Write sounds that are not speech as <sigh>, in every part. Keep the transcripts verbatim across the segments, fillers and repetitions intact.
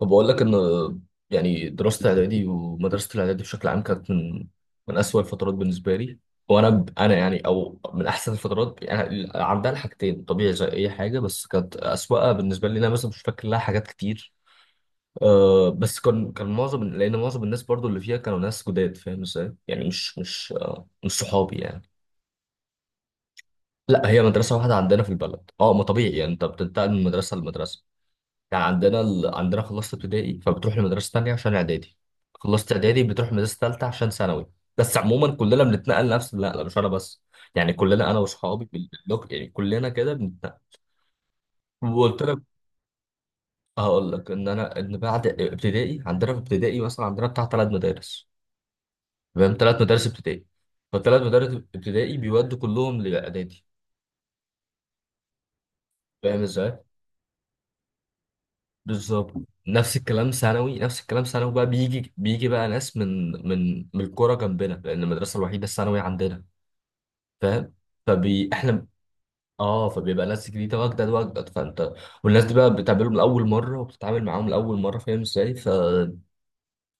طب بقول لك ان يعني دراسه الاعدادي ومدرسه الاعدادي بشكل عام كانت من من اسوأ الفترات بالنسبه لي. وانا ب- انا يعني او من احسن الفترات، يعني عندها الحاجتين طبيعي زي اي حاجه، بس كانت اسوأها بالنسبه لي انا، مثلا مش فاكر لها حاجات كتير. أه بس كان كان معظم لان معظم الناس برضو اللي فيها كانوا ناس جداد، فاهم ازاي؟ يعني مش مش آه، مش صحابي يعني. لا، هي مدرسه واحده عندنا في البلد، اه، ما طبيعي يعني انت بتنتقل من مدرسه لمدرسه. يعني عندنا ال... عندنا خلصت ابتدائي فبتروح لمدرسة تانية عشان اعدادي، خلصت اعدادي بتروح مدرسة تالتة عشان ثانوي. بس عموما كلنا بنتنقل، نفس، لا لا مش انا بس، يعني كلنا انا واصحابي بال- باللوك، يعني كلنا كده بنتنقل. وقلت لك، هقول لك ان انا ان بعد ابتدائي عندنا في ابتدائي مثلا عندنا بتاع ثلاث مدارس، فاهم؟ ثلاث مدارس ابتدائي، فالثلاث مدارس ابتدائي بيودوا كلهم لاعدادي. فاهم ازاي؟ بالظبط. نفس الكلام ثانوي، نفس الكلام ثانوي بقى، بيجي بيجي بقى ناس من من من القرى جنبنا، لان المدرسه الوحيده الثانوي عندنا، فاهم. فبي احنا، اه، فبيبقى ناس جديده واجدد واجدد، فانت والناس دي بقى بتقابلهم لاول مره وبتتعامل معاهم لاول مره، فاهم ازاي؟ فبيبقى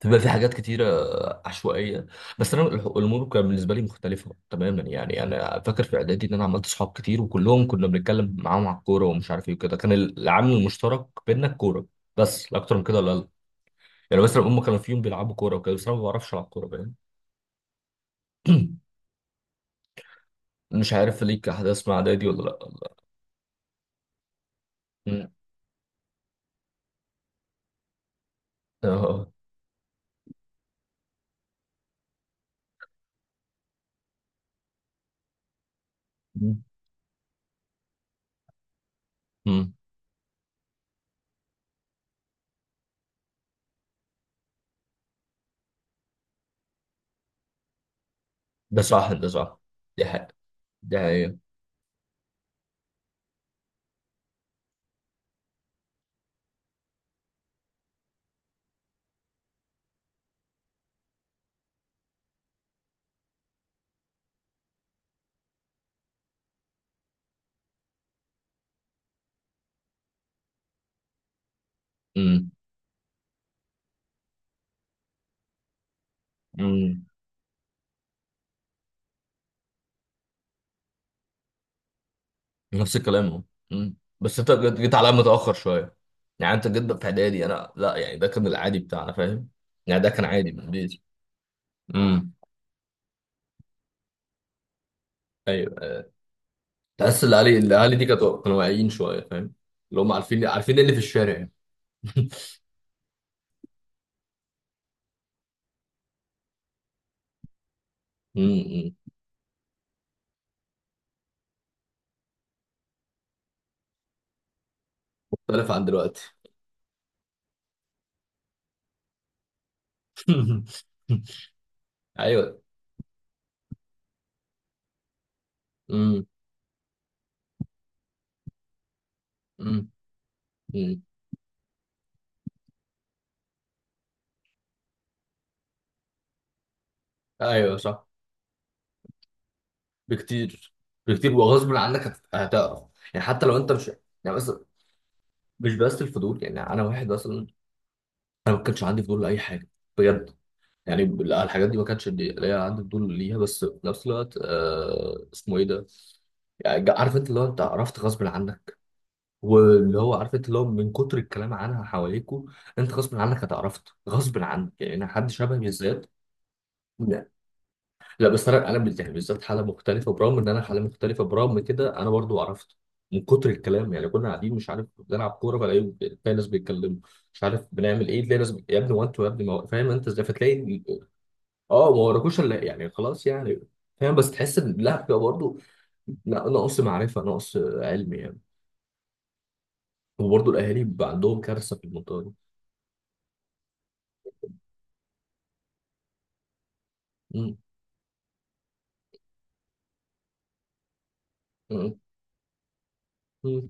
في حاجات كتيره عشوائيه. بس انا الح- الامور كانت بالنسبه لي مختلفه تماما، يعني انا فاكر في اعدادي ان انا عملت صحاب كتير وكلهم كنا بنتكلم معاهم على الكوره ومش عارف ايه وكده، كان العامل المشترك بينا الكوره، بس لا اكتر من كده لا. يعني مثلا هم كانوا في يوم بيلعبوا كوره وكده، بس انا ما بعرفش العب كوره، فاهم. <clears throat> مش عارف ليك احداث مع اعدادي ولا لا. مم. اه آه. مم. مم. ده صح ده صح. دي حاجه، دي حقيقه. مم. مم. نفس الكلام اهو. مم. بس انت جيت جيت عليا متاخر شويه. يعني انت جيت في اعدادي، انا لا، يعني ده كان العادي بتاعنا، فاهم. يعني ده كان عادي بالنسبه لي. امم. ايوه. تحس الاهالي الاهالي دي كانوا كانوا واعيين شويه، فاهم، اللي هم عارفين عارفين إيه اللي في الشارع يعني. <laughs> مم. مم. مختلف عن دلوقتي. <laughs> ايوه. امم. امم. امم. ايوه صح. بكتير. بكتير وغصب عنك هت- هتعرف، يعني حتى لو انت مش. يعني مثلا، مش بس الفضول، يعني انا واحد مثلا، انا ما كانش عندي فضول لاي حاجه، بجد. يعني لا، الحاجات دي ما كانش لي- ليا عندي فضول ليها، بس في نفس الوقت آه اسمه ايه ده. يعني جا- عارف انت اللي هو، انت عرفت غصب عنك، واللي هو عارف انت اللي هو من كتر الكلام عنها حواليكوا، انت غصب عنك هتعرفت غصب عنك، يعني انا حد شبه بالذات. لا بس انا انا بال- يعني بالذات حاله مختلفه، برغم ان انا حاله مختلفه برغم كده انا برضو عرفته من كتر الكلام. يعني كنا قاعدين مش عارف بنلعب كوره، فلاقي تلاقي ناس بيتكلموا مش عارف بنعمل ايه، تلاقي ناس بي- يا ابني هو انتوا، يا ابني ما هو- فاهم انت ازاي، فتلاقي، اه، ما وراكوش الا يعني، خلاص يعني. فاهم، بس تحس ان لا بيبقى برضو، لا، نقص معرفه، نقص علم يعني. وبرضو الاهالي بيبقى عندهم كارثه في المنطقه دي. مم. مم. مم.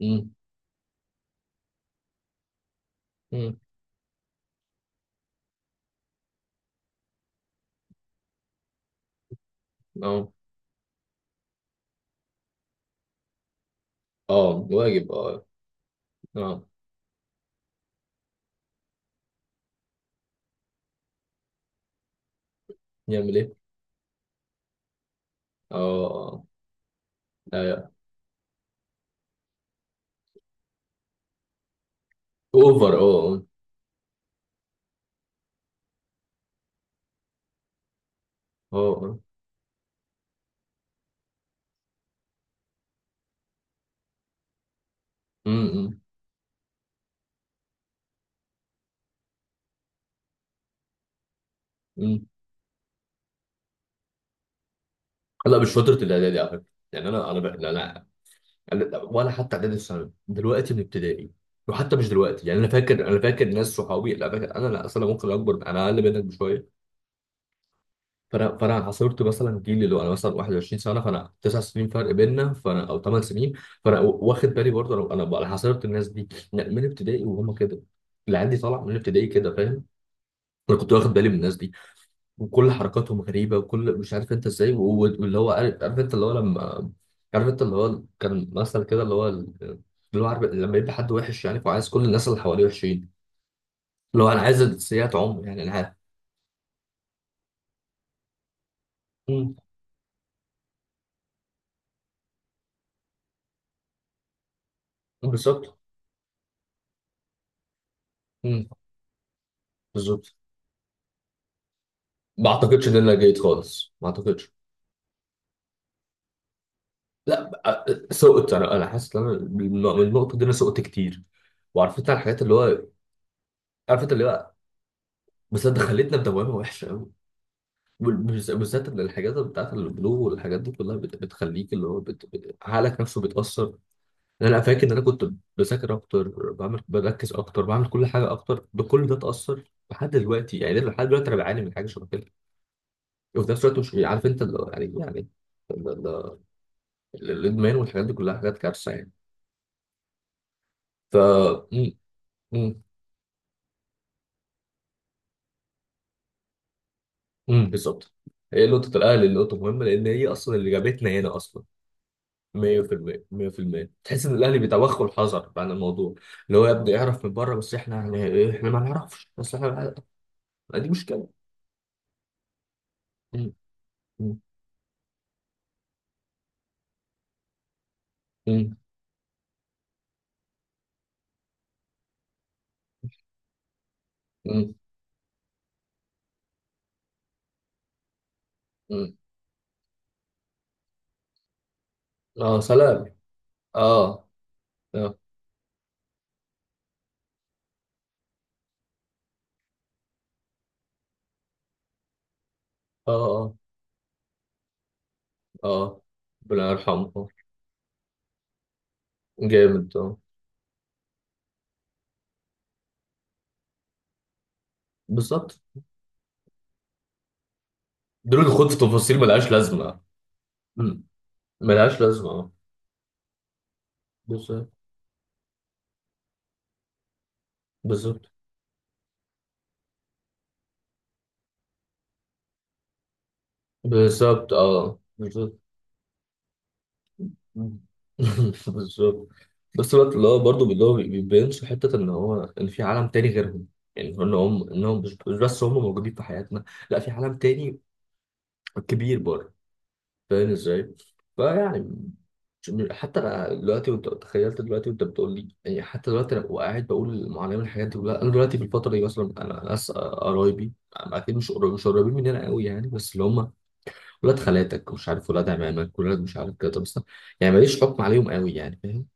مم. مم. اه اه، واجب اه. اه. يعمل ايه. اه آه. آه، آه، اوفر اه. اه اه. امم. امم. لا مش فتره الاعدادي على فكره، يعني انا انا لا لا، أنا- ولا حتى اعدادي الثانوي دلوقتي، من ابتدائي. وحتى مش دلوقتي، يعني انا فاكر، انا فاكر ناس صحابي، لا فاكر انا، لا، اصل انا ممكن اكبر، انا اقل منك بشويه. فانا فانا عاصرت مثلا جيل، اللي هو انا مثلا واحد وعشرين سنه، فانا تسع سنين فرق بيننا، فانا او ثمان سنين. فانا واخد بالي برضه، انا انا بقى- أنا عاصرت الناس دي من ابتدائي وهم كده، اللي عندي طالع من ابتدائي كده، فاهم. انا كنت واخد بالي من الناس دي، وكل حركاتهم غريبه، وكل مش عارف انت ازاي و- و- واللي هو عارف، عارف انت اللي هو لما، عارف انت اللي هو كان مثل كده، اللي هو ال- اللي هو عارف لما يبقى حد وحش يعني، وعايز كل الناس اللي حواليه وحشين، اللي هو انا عايز السيئات عمر، يعني انا عارف. مم. بالظبط. مم. بالظبط. ما اعتقدش ان انا جيد خالص، ما اعتقدش. لا أ- سقط، انا انا حاسس ان انا بالن- من النقطه دي انا سقط كتير، وعارف انت الحاجات اللي هو، عارف انت اللي هو. بس انت خليتنا بدوامه وحشه، بال- بالز- بالذات إن الحاجات بتاعت البلو والحاجات دي كلها بت... بتخليك اللي هو، بت... بت- عقلك نفسه بيتأثر. يعني انا فاكر ان انا كنت بذاكر اكتر، بعمل، بركز اكتر، بعمل كل حاجه اكتر، بكل ده اتأثر لحد دلوقتي، يعني أنا لحد دلوقتي انا بعاني من حاجه شبه كده. وفي نفس الوقت مش عارف انت اللي هو، يعني يعني ال- ال- ال- الادمان والحاجات دي كلها حاجات كارثه يعني. ف. م-. م-. م، بالظبط. هي نقطه الاهل اللي نقطه مهمه، لان هي اصلا اللي جابتنا هنا اصلا. مية في المية مية في المية، تحس ان الاهلي بيتوخوا الحذر عن الموضوع، اللي هو يبدا يعرف من بره، بس احنا يعني إيه، احنا ما نعرفش، بس احنا ما نعرف. دي مشكله. م-. م-. م-. م-. م. اه سلام. اه. اه. اه. اه آه. ربنا يرحمه. جامد اه. بالظبط. دول الخوض في تفاصيل ملهاش لازمه. م. ملهاش لازمه اه. بالظبط. بالظبط. بالظبط اه بالظبط. مم. <laughs> بالظبط. بس الوقت اللي هو برضه اللي هو بيبينش حتة إن هو إن في عالم تاني غيرهم، يعني إن هم إنهم مش مش بس هم موجودين في حياتنا، لا، في عالم تاني كبير بره، فاهم إزاي؟ فيعني، مش، حتى أنا دلوقتي وأنت تخيلت دلوقتي وأنت بتقول لي، يعني حتى دلوقتي أنا وقاعد بقول معلم الحاجات دي كلها، أنا دلوقتي في الفترة دي مثلا أنا ناس قرايبي أكيد مش قريب، مش قريبين مننا قوي يعني، بس اللي هم ولاد خالاتك مش عارف، ولاد عمامك، ولاد مش عارف كده بس، يعني ماليش حكم عليهم قوي يعني، فاهم؟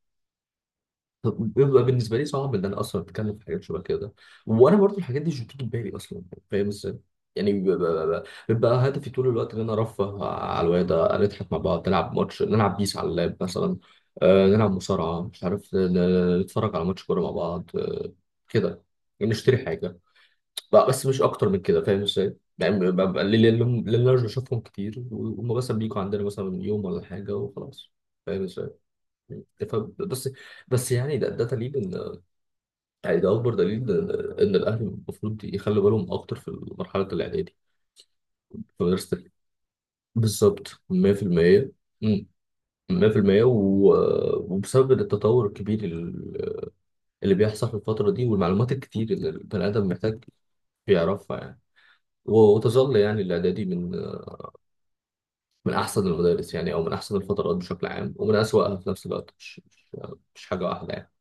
بيبقى بالنسبه لي صعب ان انا اصلا اتكلم في حاجات شبه كده، وانا برضو الحاجات دي مش بتيجي في بالي اصلا، فاهم ازاي. يعني ب- ب- ب- بيبقى هدفي طول الوقت ان انا ارفه على الواد، نضحك مع بعض، نلعب ماتش، نلعب بيس على اللاب مثلا، آه نلعب مصارعه، مش عارف ن- ن- نتفرج على ماتش كوره مع بعض، آه كده، يعني نشتري حاجه بقى، بس مش اكتر من كده، فاهم ازاي، يعني ب- ب- لان لأن- لأن انا مش بشوفهم كتير، وهم مثلا بيجوا عندنا مثلا يوم ولا حاجه وخلاص، فاهم ازاي. ف-. بس. بس يعني ده ده تقريبا، يعني ده اكبر دليل ان الاهل المفروض يخلوا بالهم اكتر في مرحله الاعدادي. في مدرسه ال- بالظبط مية في المية. امم. مية في المية و- وبسبب التطور الكبير ال- اللي بيحصل في الفتره دي، والمعلومات الكتير اللي البني ادم محتاج يعرفها يعني. و- وتظل يعني الاعدادي من من احسن المدارس، يعني او من احسن الفترات بشكل عام، ومن اسوأها في نفس الوقت، مش مش مش حاجه واحده يعني.